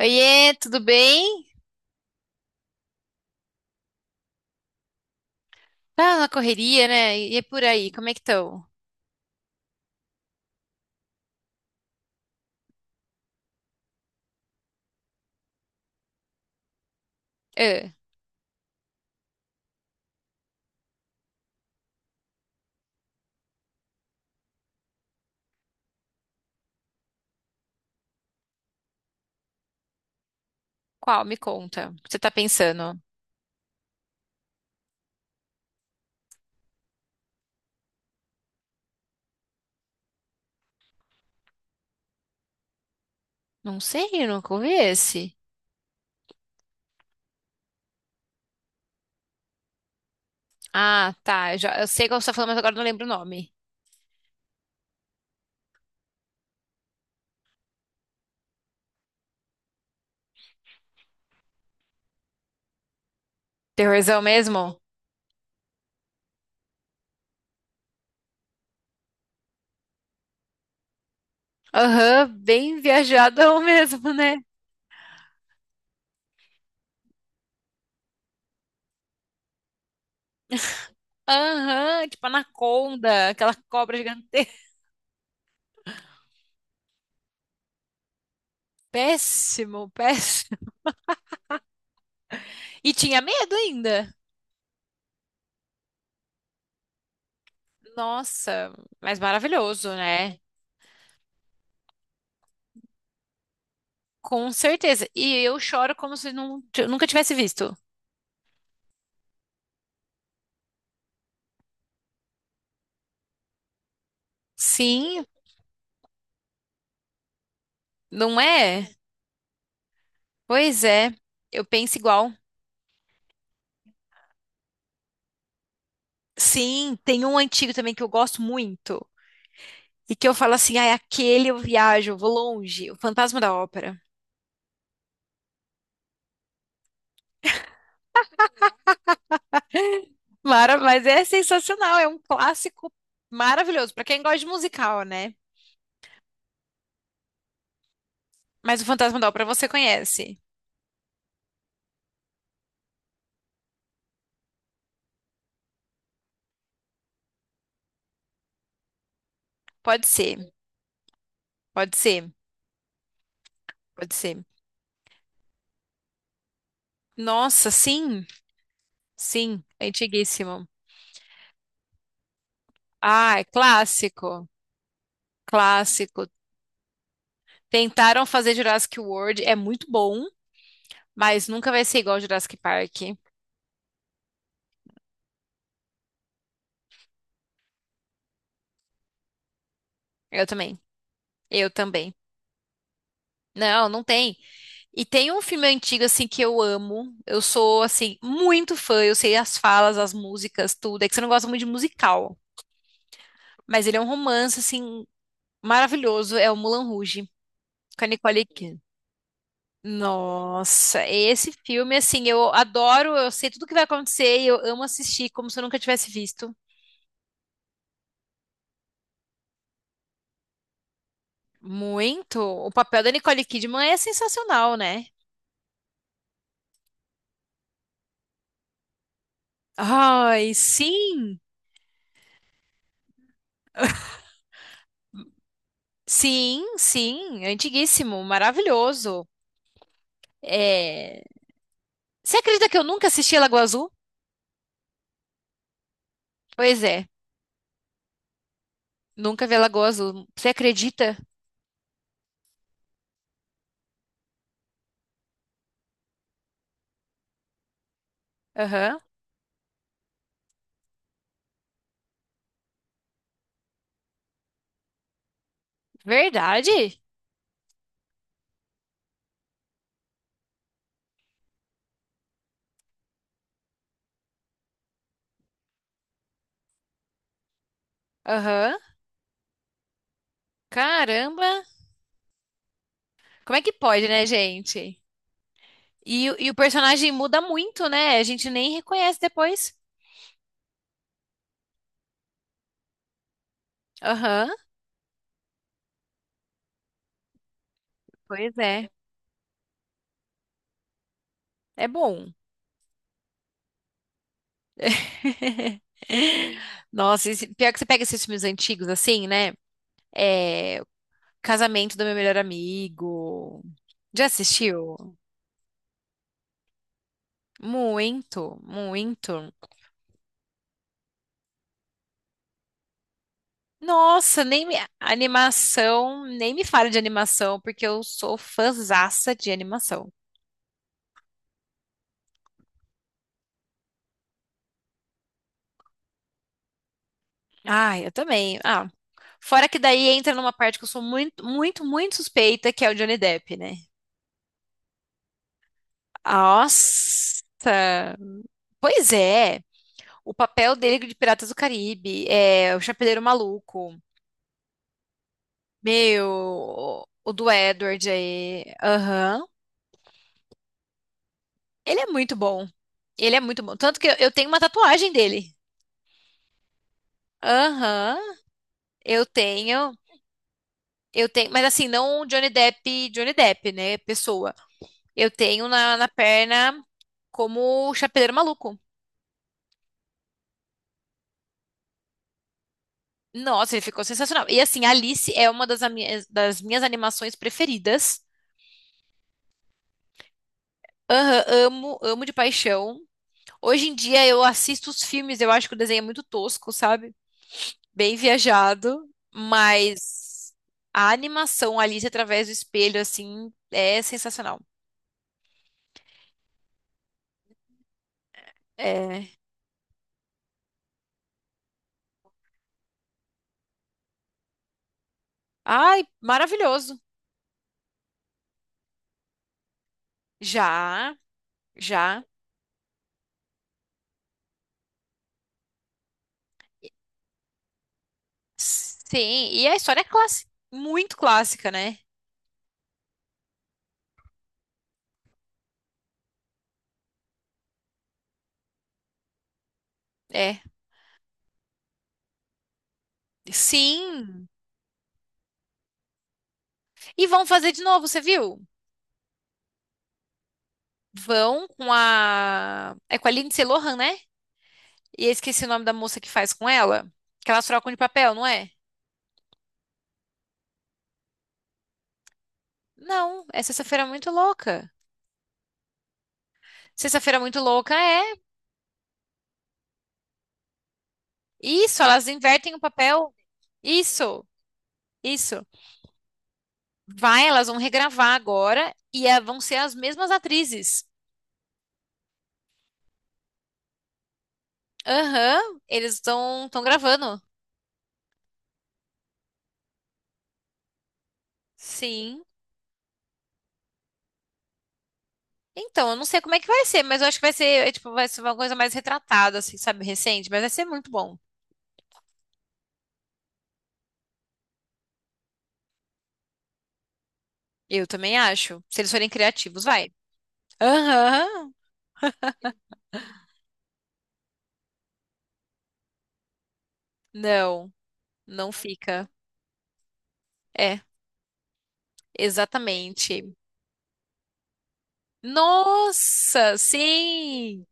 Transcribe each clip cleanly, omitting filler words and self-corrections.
Oiê, tudo bem? Tá na correria, né? E é por aí, como é que estão? Ah, qual? Me conta. O que você tá pensando? Não sei, eu nunca ouvi esse. Ah, tá. Eu já, eu sei qual você tá falando, mas agora eu não lembro o nome. Terrorzão mesmo? Aham, bem viajadão mesmo, né? Aham, tipo Anaconda, aquela cobra gigantesca. Péssimo, péssimo. E tinha medo ainda. Nossa, mas maravilhoso, né? Com certeza. E eu choro como se não, nunca tivesse visto. Sim, não é? Pois é, eu penso igual. Sim, tem um antigo também que eu gosto muito. E que eu falo assim, ai, aquele eu viajo, eu vou longe, o Fantasma da Ópera. Mara, mas é sensacional, é um clássico maravilhoso, pra quem gosta de musical, né? Mas o Fantasma da Ópera você conhece. Pode ser, pode ser, pode ser. Nossa, sim, sim, é antiguíssimo. Ah, é clássico, clássico. Tentaram fazer Jurassic World, é muito bom, mas nunca vai ser igual Jurassic Park. Eu também. Eu também. Não, não tem. E tem um filme antigo, assim, que eu amo. Eu sou, assim, muito fã. Eu sei as falas, as músicas, tudo. É que você não gosta muito de musical. Mas ele é um romance, assim, maravilhoso. É o Moulin Rouge, com a Nicole Kidman. Nossa, esse filme, assim, eu adoro. Eu sei tudo o que vai acontecer e eu amo assistir como se eu nunca tivesse visto. Muito. O papel da Nicole Kidman é sensacional, né? Ai, sim. Sim, sim, antiguíssimo, maravilhoso. É... Você acredita que eu nunca assisti a Lagoa Azul? Pois é, nunca vi a Lagoa Azul. Você acredita? Aham. Verdade? Aham. Caramba, como é que pode, né, gente? E o- e o personagem muda muito, né? A gente nem reconhece depois. Aham. Pois é, é bom. Nossa, esse- pior que você pega esses filmes antigos assim, né? É... Casamento do Meu Melhor Amigo. Já assistiu? Muito, muito. Nossa, nem me... animação, nem me fale de animação, porque eu sou fãzaça de animação. Ah, eu também. Ah, fora que daí entra numa parte que eu sou muito, muito, muito suspeita, que é o Johnny Depp, né? Nossa. Pois é, o papel dele de Piratas do Caribe, é o Chapeleiro Maluco, meu, o do Edward aí, aham. Ele é muito bom. Ele é muito bom. Tanto que eu tenho uma tatuagem dele. Aham, eu tenho. Eu tenho, mas assim, não o Johnny Depp, Johnny Depp, né? Pessoa. Eu tenho na, na perna como o Chapeleiro Maluco. Nossa, ele ficou sensacional. E assim, Alice é uma das, das minhas animações preferidas. Aham, amo, amo de paixão. Hoje em dia eu assisto os filmes, eu acho que o desenho é muito tosco, sabe? Bem viajado, mas a animação Alice através do espelho, assim, é sensacional. É. Ai, maravilhoso. Já, já. Sim, e a história é clássica, muito clássica, né? É. Sim. E vão fazer de novo, você viu? Vão com a. É com a Lindsay Lohan, né? E eu esqueci o nome da moça que faz com ela. Que elas trocam de papel, não é? Não, é Sexta-feira Muito Louca. Sexta-feira Muito Louca é. Isso, elas invertem o papel. Isso, isso. Vai, elas vão regravar agora e vão ser as mesmas atrizes. Aham, eles estão gravando. Sim. Então, eu não sei como é que vai ser, mas eu acho que vai ser, tipo, vai ser uma coisa mais retratada, assim, sabe, recente, mas vai ser muito bom. Eu também acho. Se eles forem criativos, vai. Aham. Não, não fica. É, exatamente. Nossa, sim.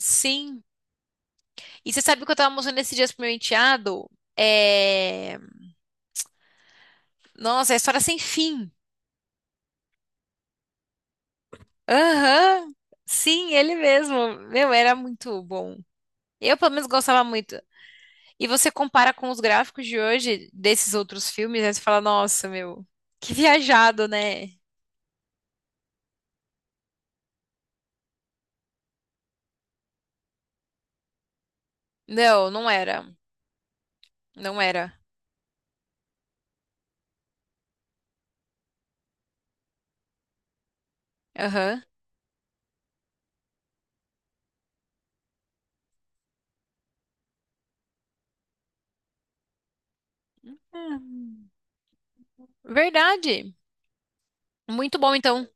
Sim. E você sabe o que eu tava mostrando esses dias pro meu enteado? É... Nossa, é história sem fim. Aham. Sim, ele mesmo. Meu, era muito bom. Eu, pelo menos, gostava muito. E você compara com os gráficos de hoje, desses outros filmes, aí você fala, nossa, meu, que viajado, né? Não, não era. Não era. Aham. Hum, verdade. Muito bom, então.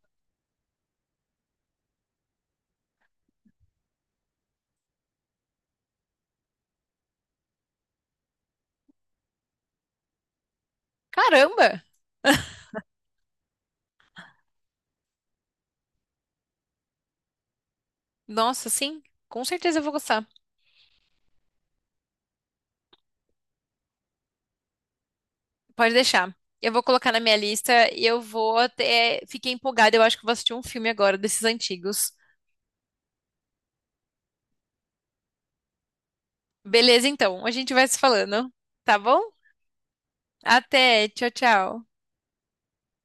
Caramba! Nossa, sim. Com certeza eu vou gostar. Pode deixar. Eu vou colocar na minha lista e eu vou até. Fiquei empolgada, eu acho que vou assistir um filme agora desses antigos. Beleza, então. A gente vai se falando. Tá bom? Até. Tchau, tchau.